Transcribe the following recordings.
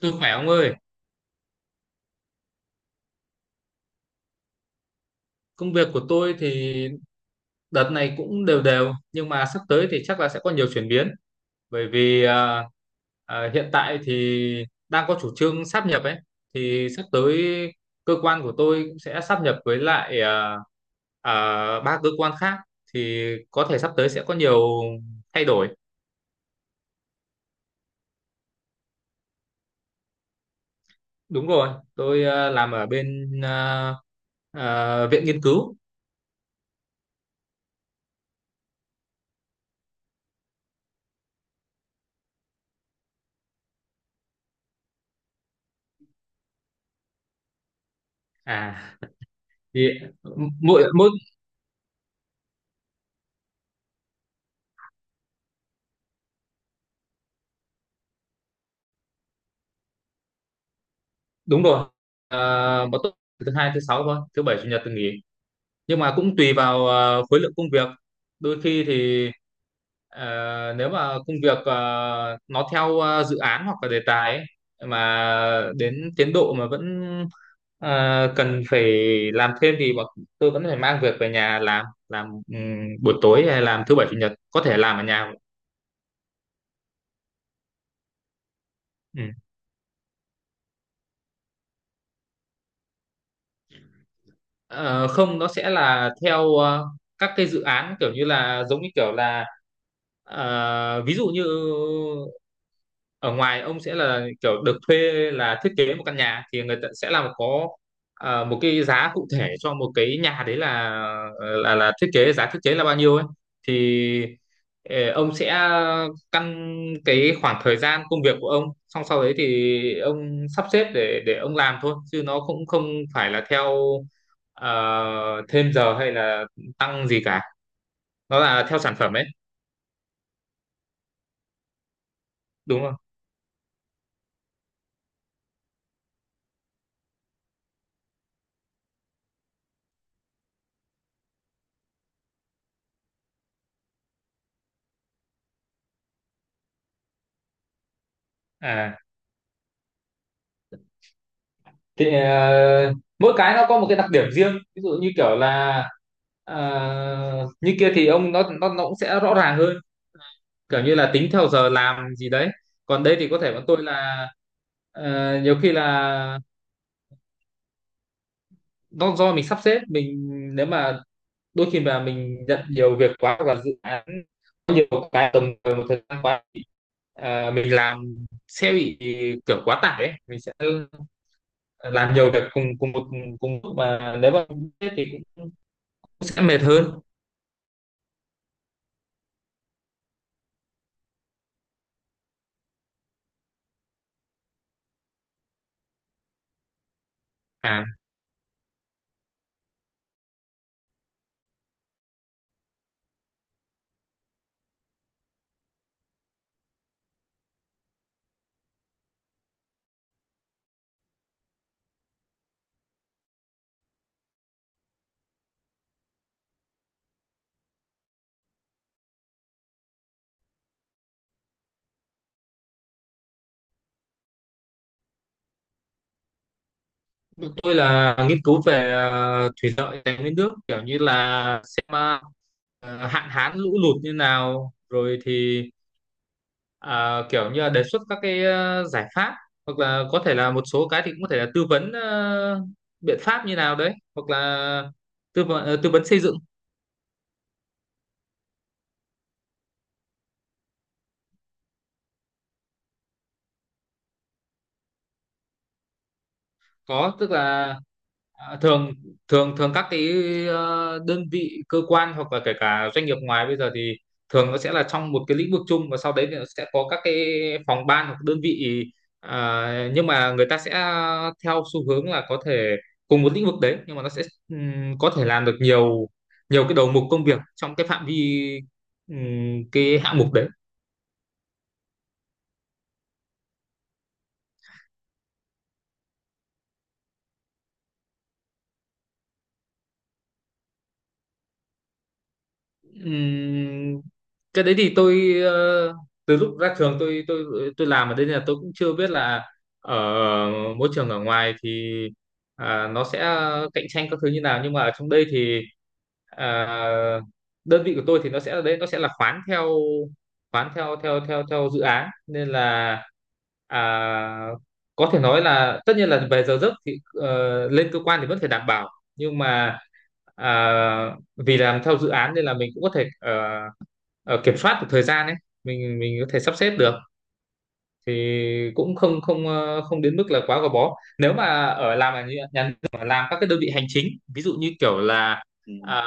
Tôi khỏe ông ơi, công việc của tôi thì đợt này cũng đều đều, nhưng mà sắp tới thì chắc là sẽ có nhiều chuyển biến bởi vì hiện tại thì đang có chủ trương sáp nhập ấy, thì sắp tới cơ quan của tôi cũng sẽ sáp nhập với lại à, ba cơ quan khác, thì có thể sắp tới sẽ có nhiều thay đổi. Đúng rồi, tôi làm ở bên viện nghiên cứu. À thì mỗi mỗi đúng rồi, à, bọn tôi thứ hai thứ sáu thôi, thứ bảy chủ nhật thì nghỉ, nhưng mà cũng tùy vào khối lượng công việc. Đôi khi thì nếu mà công việc nó theo dự án hoặc là đề tài ấy, mà đến tiến độ mà vẫn cần phải làm thêm thì bọn tôi vẫn phải mang việc về nhà làm, buổi tối hay làm thứ bảy chủ nhật, có thể làm ở nhà. Ừ. Ờ, Không, nó sẽ là theo các cái dự án, kiểu như là giống như kiểu là, ví dụ như ở ngoài ông sẽ là kiểu được thuê là thiết kế một căn nhà, thì người ta sẽ làm có một cái giá cụ thể cho một cái nhà đấy, là thiết kế, giá thiết kế là bao nhiêu ấy. Thì ông sẽ căn cái khoảng thời gian công việc của ông, xong sau đấy thì ông sắp xếp để ông làm thôi, chứ nó cũng không phải là theo ờ, thêm giờ hay là tăng gì cả, nó là theo sản phẩm ấy, đúng không. À thì mỗi cái nó có một cái đặc điểm riêng, ví dụ như kiểu là ờ, như kia thì ông nó cũng sẽ rõ ràng hơn, kiểu như là tính theo giờ làm gì đấy. Còn đây thì có thể bọn tôi là nhiều khi là nó do mình sắp xếp mình, nếu mà đôi khi mà mình nhận nhiều việc quá hoặc là dự án có nhiều cái tầm một thời gian quá thì mình làm sẽ bị kiểu quá tải ấy. Mình sẽ làm nhiều việc cùng cùng một cùng lúc, mà nếu mà thế thì cũng sẽ mệt hơn. À, tôi là nghiên cứu về thủy lợi, tài nguyên nước, kiểu như là xem hạn hán lũ lụt như nào, rồi thì kiểu như là đề xuất các cái giải pháp, hoặc là có thể là một số cái thì cũng có thể là tư vấn biện pháp như nào đấy, hoặc là tư vấn tư vấn xây dựng. Có tức là, À, thường thường thường các cái đơn vị cơ quan hoặc là kể cả doanh nghiệp ngoài bây giờ thì thường nó sẽ là trong một cái lĩnh vực chung, và sau đấy thì nó sẽ có các cái phòng ban hoặc đơn vị, nhưng mà người ta sẽ theo xu hướng là có thể cùng một lĩnh vực đấy, nhưng mà nó sẽ có thể làm được nhiều nhiều cái đầu mục công việc trong cái phạm vi, cái hạng mục đấy. Ừm, cái đấy thì tôi từ lúc ra trường tôi làm ở đây, nên là tôi cũng chưa biết là ở môi trường ở ngoài thì nó sẽ cạnh tranh các thứ như nào, nhưng mà ở trong đây thì à, đơn vị của tôi thì nó sẽ ở đấy, nó sẽ là khoán theo, khoán theo theo theo theo dự án, nên là à, có thể nói là tất nhiên là về giờ giấc thì lên cơ quan thì vẫn phải đảm bảo, nhưng mà à, vì làm theo dự án nên là mình cũng có thể kiểm soát được thời gian ấy, mình có thể sắp xếp được, thì cũng không không ờ, không đến mức là quá gò bó. Nếu mà ở làm ở nhà nhà nước mà làm các cái đơn vị hành chính, ví dụ như kiểu là Ừ.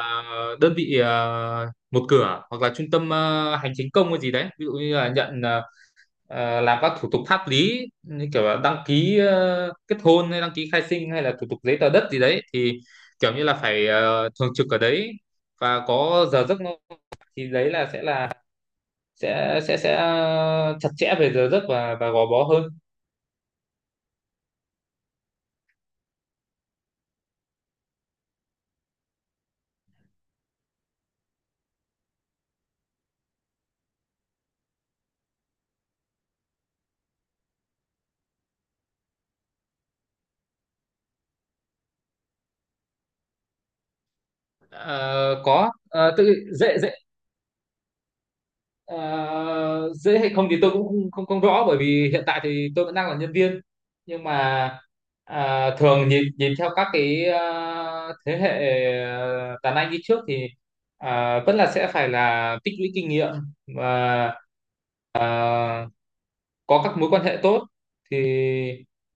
đơn vị một cửa hoặc là trung tâm hành chính công hay gì đấy, ví dụ như là nhận làm các thủ tục pháp lý như kiểu là đăng ký kết hôn, hay đăng ký khai sinh, hay là thủ tục giấy tờ đất gì đấy, thì kiểu như là phải thường trực ở đấy và có giờ giấc. Nó thì đấy là sẽ là sẽ chặt chẽ về giờ giấc và gò bó hơn. Ờ, có ờ, tự dễ dễ Ờ, Dễ hay không thì tôi cũng không không rõ, bởi vì hiện tại thì tôi vẫn đang là nhân viên, nhưng mà thường nhìn nhìn theo các cái thế hệ đàn anh đi trước thì vẫn là sẽ phải là tích lũy kinh nghiệm và có các mối quan hệ tốt thì,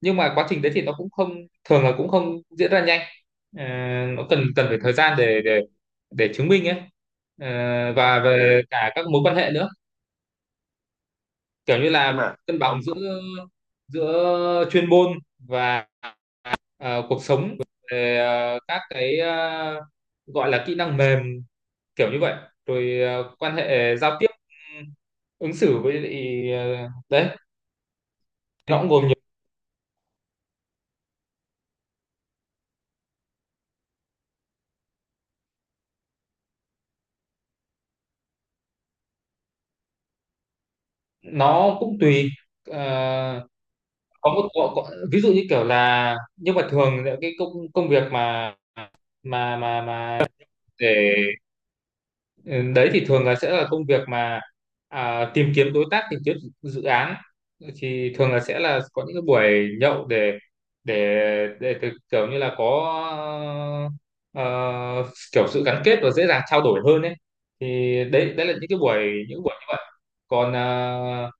nhưng mà quá trình đấy thì nó cũng không, thường là cũng không diễn ra nhanh. Ờ, nó cần cần phải thời gian để để chứng minh ấy. Ờ, và về cả các mối quan hệ nữa, kiểu như là mà cân bằng giữa giữa chuyên môn và cuộc sống, về các cái gọi là kỹ năng mềm kiểu như vậy, rồi quan hệ giao tiếp ứng xử với lại, đấy, nó cũng gồm nhiều. Nó cũng tùy. Ờ, có một ví dụ như kiểu là, nhưng mà thường là cái công công việc mà mà để Ừ, đấy, thì thường là sẽ là công việc mà tìm kiếm đối tác, tìm kiếm dự dự án, thì thường là sẽ là có những cái buổi nhậu để để kiểu như là có ờ, kiểu sự gắn kết và dễ dàng trao đổi hơn ấy. Thì đấy, đấy là những cái buổi, những buổi như vậy. Còn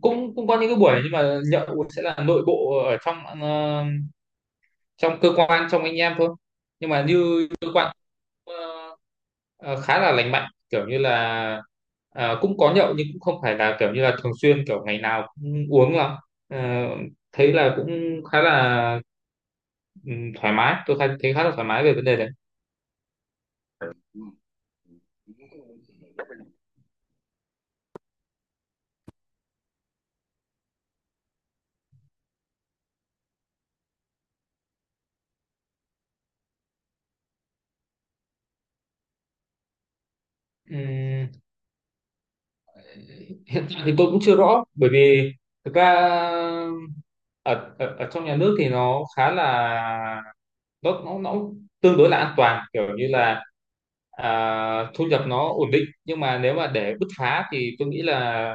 cũng cũng có những cái buổi nhưng mà nhậu sẽ là nội bộ ở trong trong cơ quan, trong anh em thôi, nhưng mà như ờ, ờ, khá là lành mạnh, kiểu như là cũng có nhậu nhưng cũng không phải là kiểu như là thường xuyên, kiểu ngày nào cũng uống lắm. Ờ, Thấy là cũng khá là ừ, thoải mái, thấy khá là thoải mái về vấn đề đấy. Ừ, hiện tại thì tôi cũng chưa rõ, bởi vì thực ra ở, ở ở trong nhà nước thì nó khá là, nó tương đối là an toàn, kiểu như là thu nhập nó ổn định, nhưng mà nếu mà để bứt phá thì tôi nghĩ là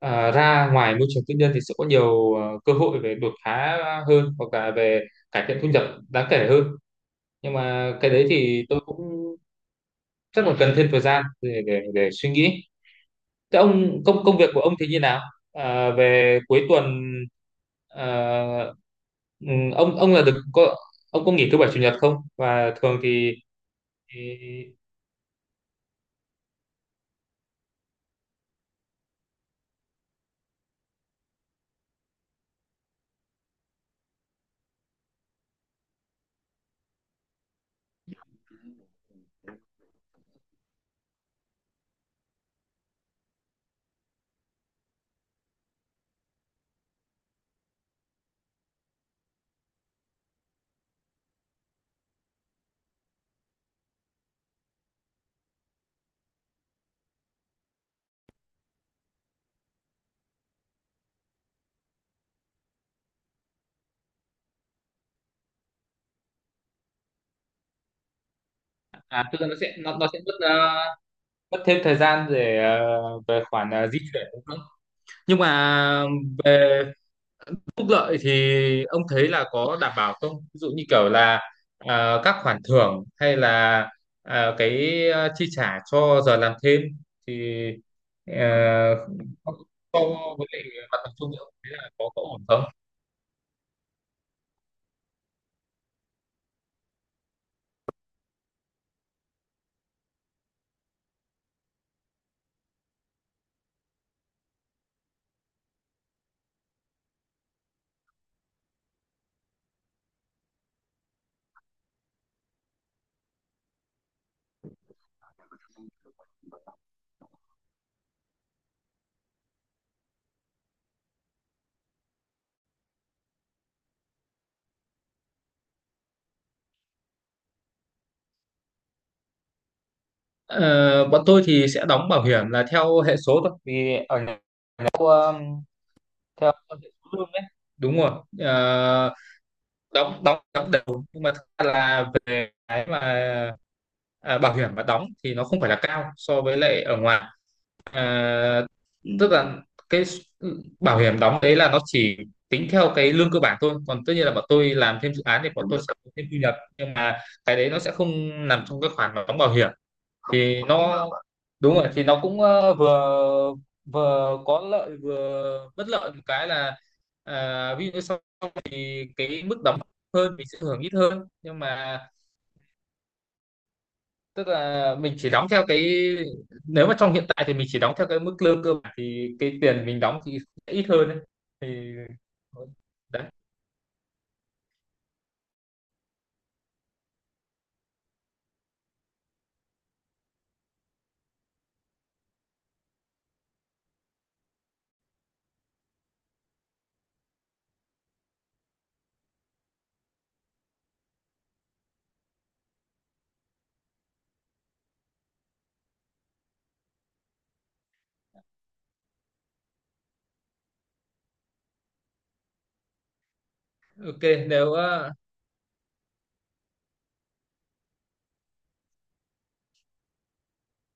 ra ngoài môi trường tư nhân thì sẽ có nhiều cơ hội về đột phá hơn, hoặc là về cải thiện thu nhập đáng kể hơn, nhưng mà cái đấy thì tôi cũng chắc là cần thêm thời gian để để suy nghĩ. Thế ông, công công việc của ông thì như nào? À, về cuối tuần à, ừ, ông ông là được có ông có nghỉ thứ bảy chủ nhật không? Và thường thì à tức là nó sẽ nó sẽ mất mất thêm thời gian để về khoản di chuyển đúng không? Nhưng mà về phúc lợi thì ông thấy là có đảm bảo không? Ví dụ như kiểu là các khoản thưởng, hay là cái chi trả cho giờ làm thêm, thì à, so với lại mặt bằng chung thì ông thấy là có ổn không? Ờ, bọn tôi thì sẽ đóng bảo hiểm là theo hệ số thôi, vì ở nhà theo, theo hệ số lương đấy, đúng rồi. Ờ, đóng đóng đóng đều, nhưng mà thật ra là về cái mà bảo hiểm mà đóng thì nó không phải là cao so với lại ở ngoài. à, Ừ, tức là cái bảo hiểm đóng đấy là nó chỉ tính theo cái lương cơ bản thôi, còn tất nhiên là bọn tôi làm thêm dự án thì bọn tôi sẽ có thêm thu nhập, nhưng mà cái đấy nó sẽ không nằm trong cái khoản mà đóng bảo hiểm. Thì nó, đúng rồi, thì nó cũng vừa, vừa có lợi vừa bất lợi. Một cái là ví dụ sau thì cái mức đóng hơn mình sẽ hưởng ít hơn, nhưng mà tức là mình chỉ đóng theo cái, nếu mà trong hiện tại thì mình chỉ đóng theo cái mức lương cơ bản, thì cái tiền mình đóng thì sẽ ít hơn ấy. Thì đấy, ok. Nếu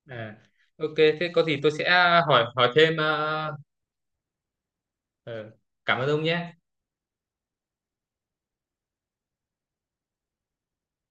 à, ok thế có gì tôi sẽ hỏi hỏi thêm ờ, cảm ơn ông nhé.